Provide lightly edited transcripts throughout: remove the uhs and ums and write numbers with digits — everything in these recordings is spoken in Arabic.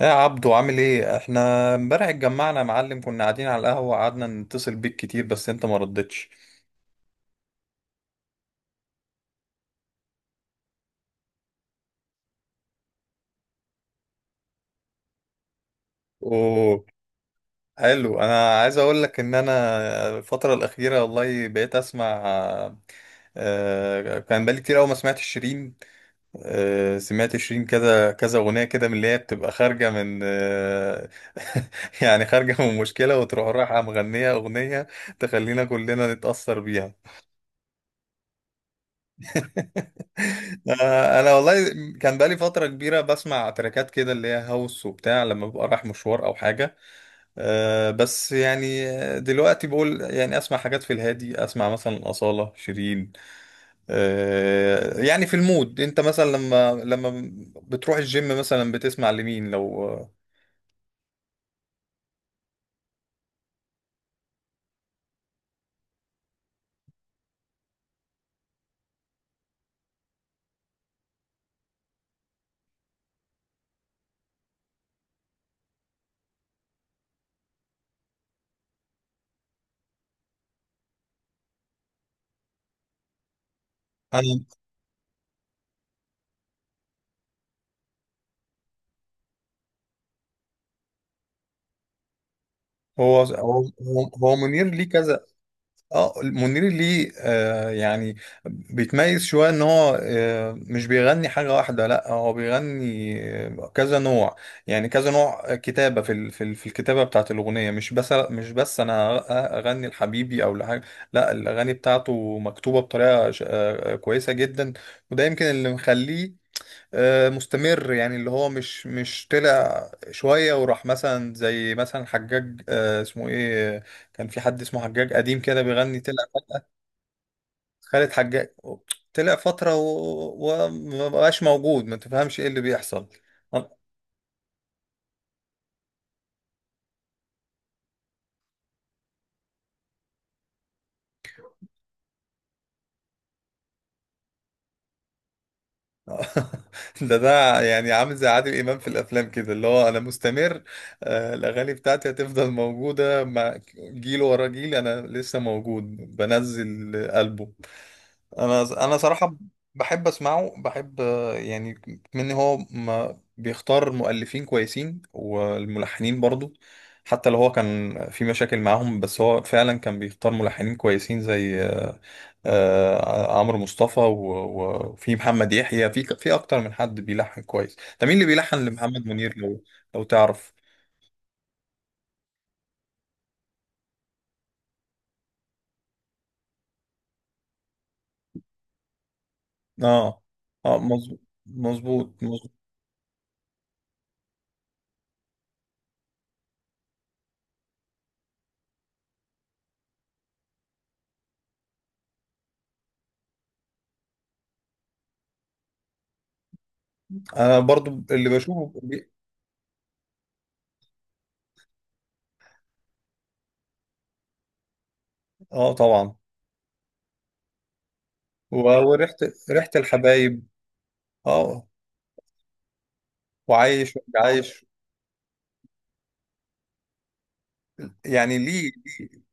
يا عبدو، عامل ايه؟ احنا امبارح اتجمعنا يا معلم، كنا قاعدين على القهوة، قعدنا نتصل بيك كتير بس انت ما ردتش. اوه، حلو. انا عايز اقول لك ان انا الفترة الأخيرة والله بقيت اسمع. كان بقالي كتير قوي ما سمعت شيرين. سمعت شيرين كذا كذا أغنية كده من اللي هي بتبقى خارجة من يعني خارجة من مشكلة وتروح رايحة مغنية أغنية تخلينا كلنا نتأثر بيها. انا والله كان بقالي فتره كبيره بسمع تراكات كده اللي هي هاوس وبتاع لما ببقى رايح مشوار او حاجه. أه بس يعني دلوقتي بقول يعني اسمع حاجات في الهادي، اسمع مثلا اصاله، شيرين. أه يعني في المود. انت مثلا لما بتروح الجيم مثلا بتسمع لمين لو انا. هو منير ليه كذا؟ اه، منير ليه آه يعني بيتميز شويه ان هو آه مش بيغني حاجه واحده، لا هو بيغني كذا نوع. يعني كذا نوع كتابه في الكتابه بتاعت الاغنيه، مش بس انا اغني لحبيبي او لحاجه، لا الاغاني بتاعته مكتوبه بطريقه كويسه جدا. وده يمكن اللي مخليه مستمر، يعني اللي هو مش طلع شوية وراح، مثلا زي مثلا حجاج اسمه ايه كان في حد اسمه حجاج قديم كده بيغني، طلع خالد حجاج. طلع فترة ومبقاش موجود، ما تفهمش ايه اللي بيحصل. أنا- ده يعني عامل زي عادل امام في الافلام كده، اللي هو انا مستمر، الاغاني بتاعتي هتفضل موجودة مع جيل ورا جيل، انا لسه موجود، بنزل البوم. انا صراحه بحب اسمعه، بحب يعني من هو ما بيختار مؤلفين كويسين والملحنين برضو. حتى لو هو كان في مشاكل معاهم، بس هو فعلا كان بيختار ملحنين كويسين زي عمرو مصطفى وفي محمد يحيى. في اكتر من حد بيلحن كويس. ده مين اللي بيلحن لمحمد منير لو لو تعرف؟ اه، اه مظبوط مظبوط. انا برضو اللي بشوفه بي- اه طبعا. وريحة، ريحة الحبايب. اه. وعايش. يعني ليه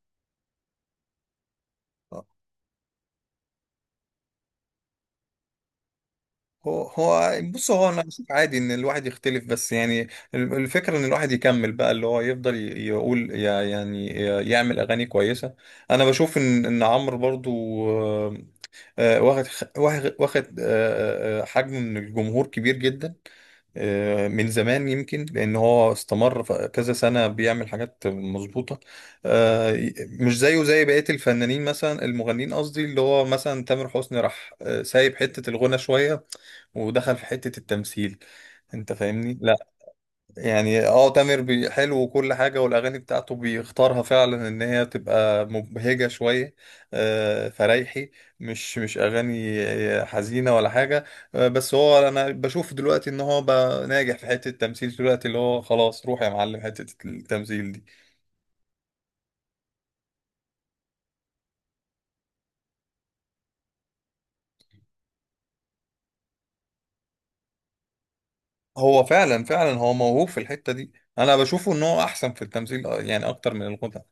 آه، هو بص، هو انا بشوف عادي ان الواحد يختلف، بس يعني الفكره ان الواحد يكمل بقى، اللي هو يفضل يعني يعمل اغاني كويسه. انا بشوف ان عمرو برضو آه، واخد حجم من الجمهور كبير جدا من زمان. يمكن لان هو استمر كذا سنه بيعمل حاجات مظبوطه، مش زيه زي بقيه الفنانين، مثلا المغنيين قصدي، اللي هو مثلا تامر حسني راح سايب حته الغنى شويه ودخل في حته التمثيل. انت فاهمني؟ يعني اه تامر حلو وكل حاجة، والأغاني بتاعته بيختارها فعلا إن هي تبقى مبهجة شوية فرايحي، مش أغاني حزينة ولا حاجة. بس هو أنا بشوف دلوقتي إن هو بقى ناجح في حتة التمثيل دلوقتي، اللي هو خلاص روح يا معلم حتة التمثيل دي. هو فعلا فعلا هو موهوب في الحتة دي. أنا بشوفه إن هو أحسن في التمثيل يعني أكتر من الغنى.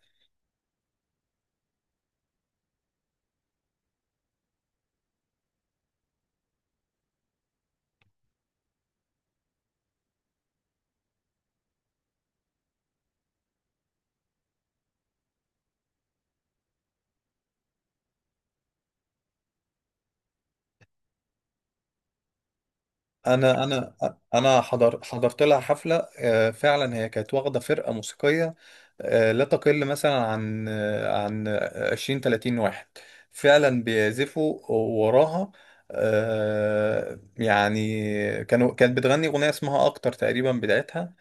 انا انا انا حضرت لها حفله فعلا. هي كانت واخده فرقه موسيقيه لا تقل مثلا عن عن 20 30 واحد فعلا بيعزفوا وراها. يعني كانت بتغني اغنيه اسمها اكتر تقريبا بتاعتها.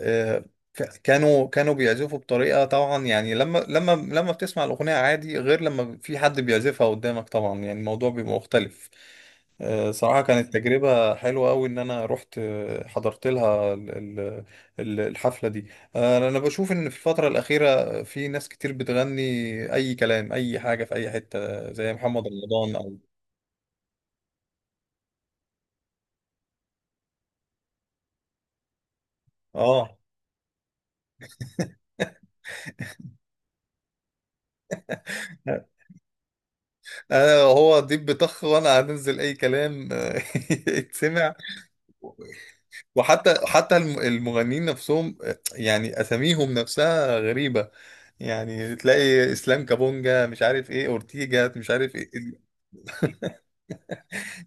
آه، كانوا بيعزفوا بطريقة، طبعا يعني لما بتسمع الأغنية عادي غير لما في حد بيعزفها قدامك طبعا، يعني الموضوع بيبقى مختلف. صراحة كانت تجربة حلوة أوي إن أنا رحت حضرت لها ال- الحفلة دي. أنا بشوف إن في الفترة الأخيرة في ناس كتير بتغني أي كلام، أي حاجة، في أي حتة، زي محمد رمضان. أو آه أنا هو ديب بطخ وأنا هنزل أي كلام يتسمع. وحتى حتى المغنيين نفسهم، يعني اساميهم نفسها غريبة. يعني تلاقي اسلام كابونجا مش عارف ايه، اورتيجا مش عارف ايه،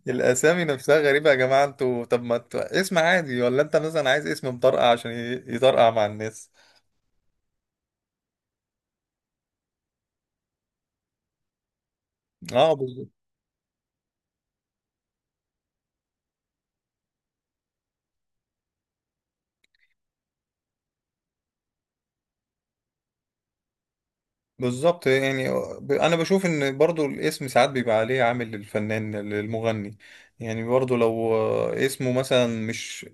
الاسامي نفسها غريبة يا جماعة. انتوا طب ما ت- اسم عادي ولا انت مثلا عايز اسم مطرقع عشان يطرقع مع الناس. اه بالظبط. بالظبط يعني انا بشوف ان برضو الاسم ساعات بيبقى عليه عامل للفنان للمغني. يعني برضو لو اسمه مثلا مش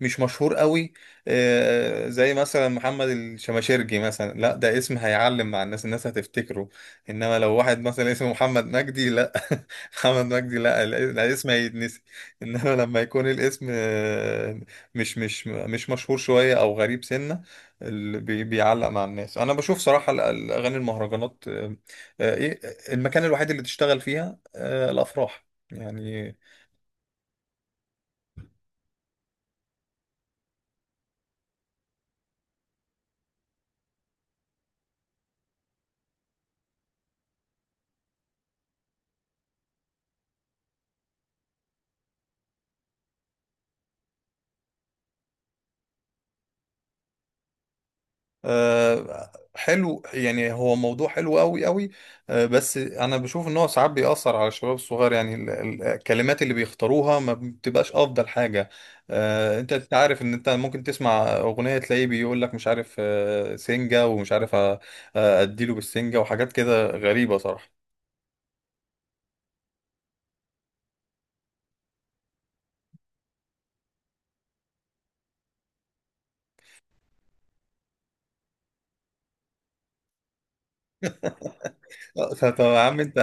مش مشهور قوي زي مثلا محمد الشماشرجي مثلا، لا ده اسم هيعلم مع الناس، الناس هتفتكره. انما لو واحد مثلا اسمه محمد مجدي، لا محمد مجدي لا، الاسم هيتنسي. انما لما يكون الاسم مش مشهور شوية او غريب سنة بيعلق مع الناس. انا بشوف صراحة الاغاني المهرجانات ايه المكان الوحيد اللي تشتغل فيها الافراح يعني. حلو، يعني هو موضوع حلو قوي قوي. بس انا بشوف ان هو ساعات بيأثر على الشباب الصغير، يعني الكلمات اللي بيختاروها ما بتبقاش افضل حاجة. انت عارف ان انت ممكن تسمع اغنية تلاقيه بيقول لك مش عارف سنجة، ومش عارف اديله بالسنجة وحاجات كده غريبة صراحة. طب يا عم انت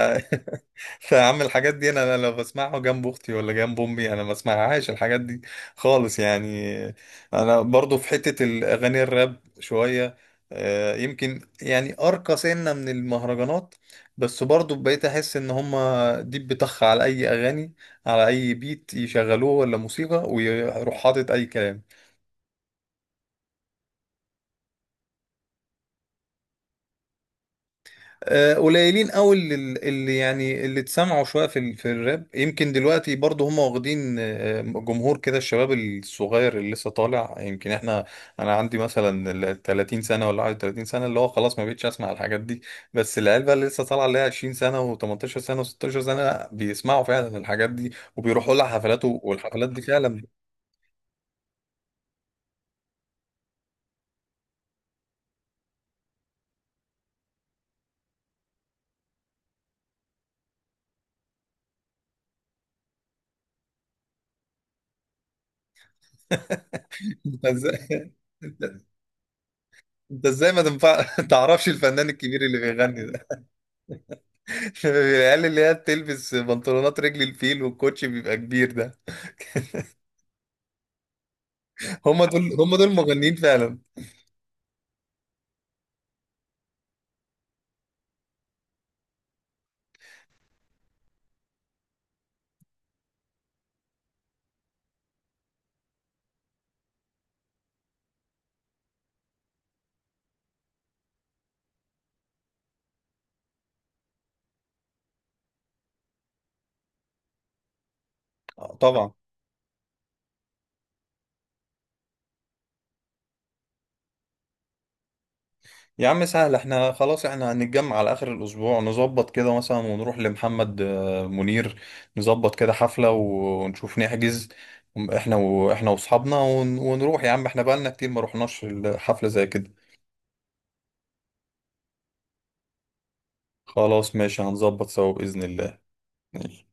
يا عم الحاجات دي انا لو بسمعها جنب اختي ولا جنب امي انا ما بسمعهاش الحاجات دي خالص يعني. انا برضو في حتة الاغاني الراب شوية يمكن يعني ارقى سنة من المهرجانات. بس برضو بقيت احس ان هما دي بتخ على اي اغاني، على اي بيت يشغلوه ولا موسيقى، ويروح حاطط اي كلام. قليلين قوي اللي اللي يعني اللي اتسمعوا شويه في في الراب. يمكن دلوقتي برضه هم واخدين جمهور كده، الشباب الصغير اللي لسه طالع. يمكن احنا انا عندي مثلا ال 30 سنه ولا 31 سنه، اللي هو خلاص ما بقتش اسمع الحاجات دي، بس العيال بقى اللي لسه طالعه، اللي هي 20 سنه و18 سنه و16 سنه، بيسمعوا فعلا الحاجات دي وبيروحوا لها حفلات والحفلات دي فعلا. انت ازاي، انت إنت ازاي ما تنفع تعرفش الفنان الكبير اللي بيغني؟ العيال اللي هي بتلبس بنطلونات رجل الفيل والكوتش بيبقى كبير ده، هم دول مغنيين فعلا. طبعا. يا عم سهل، احنا خلاص احنا هنتجمع على اخر الاسبوع، نظبط كده مثلا ونروح لمحمد منير. نظبط كده حفلة ونشوف نحجز. احنا واصحابنا ونروح يا عم، احنا بقالنا كتير ما رحناش حفلة زي كده. خلاص ماشي، هنظبط سوا بإذن الله. ماشي.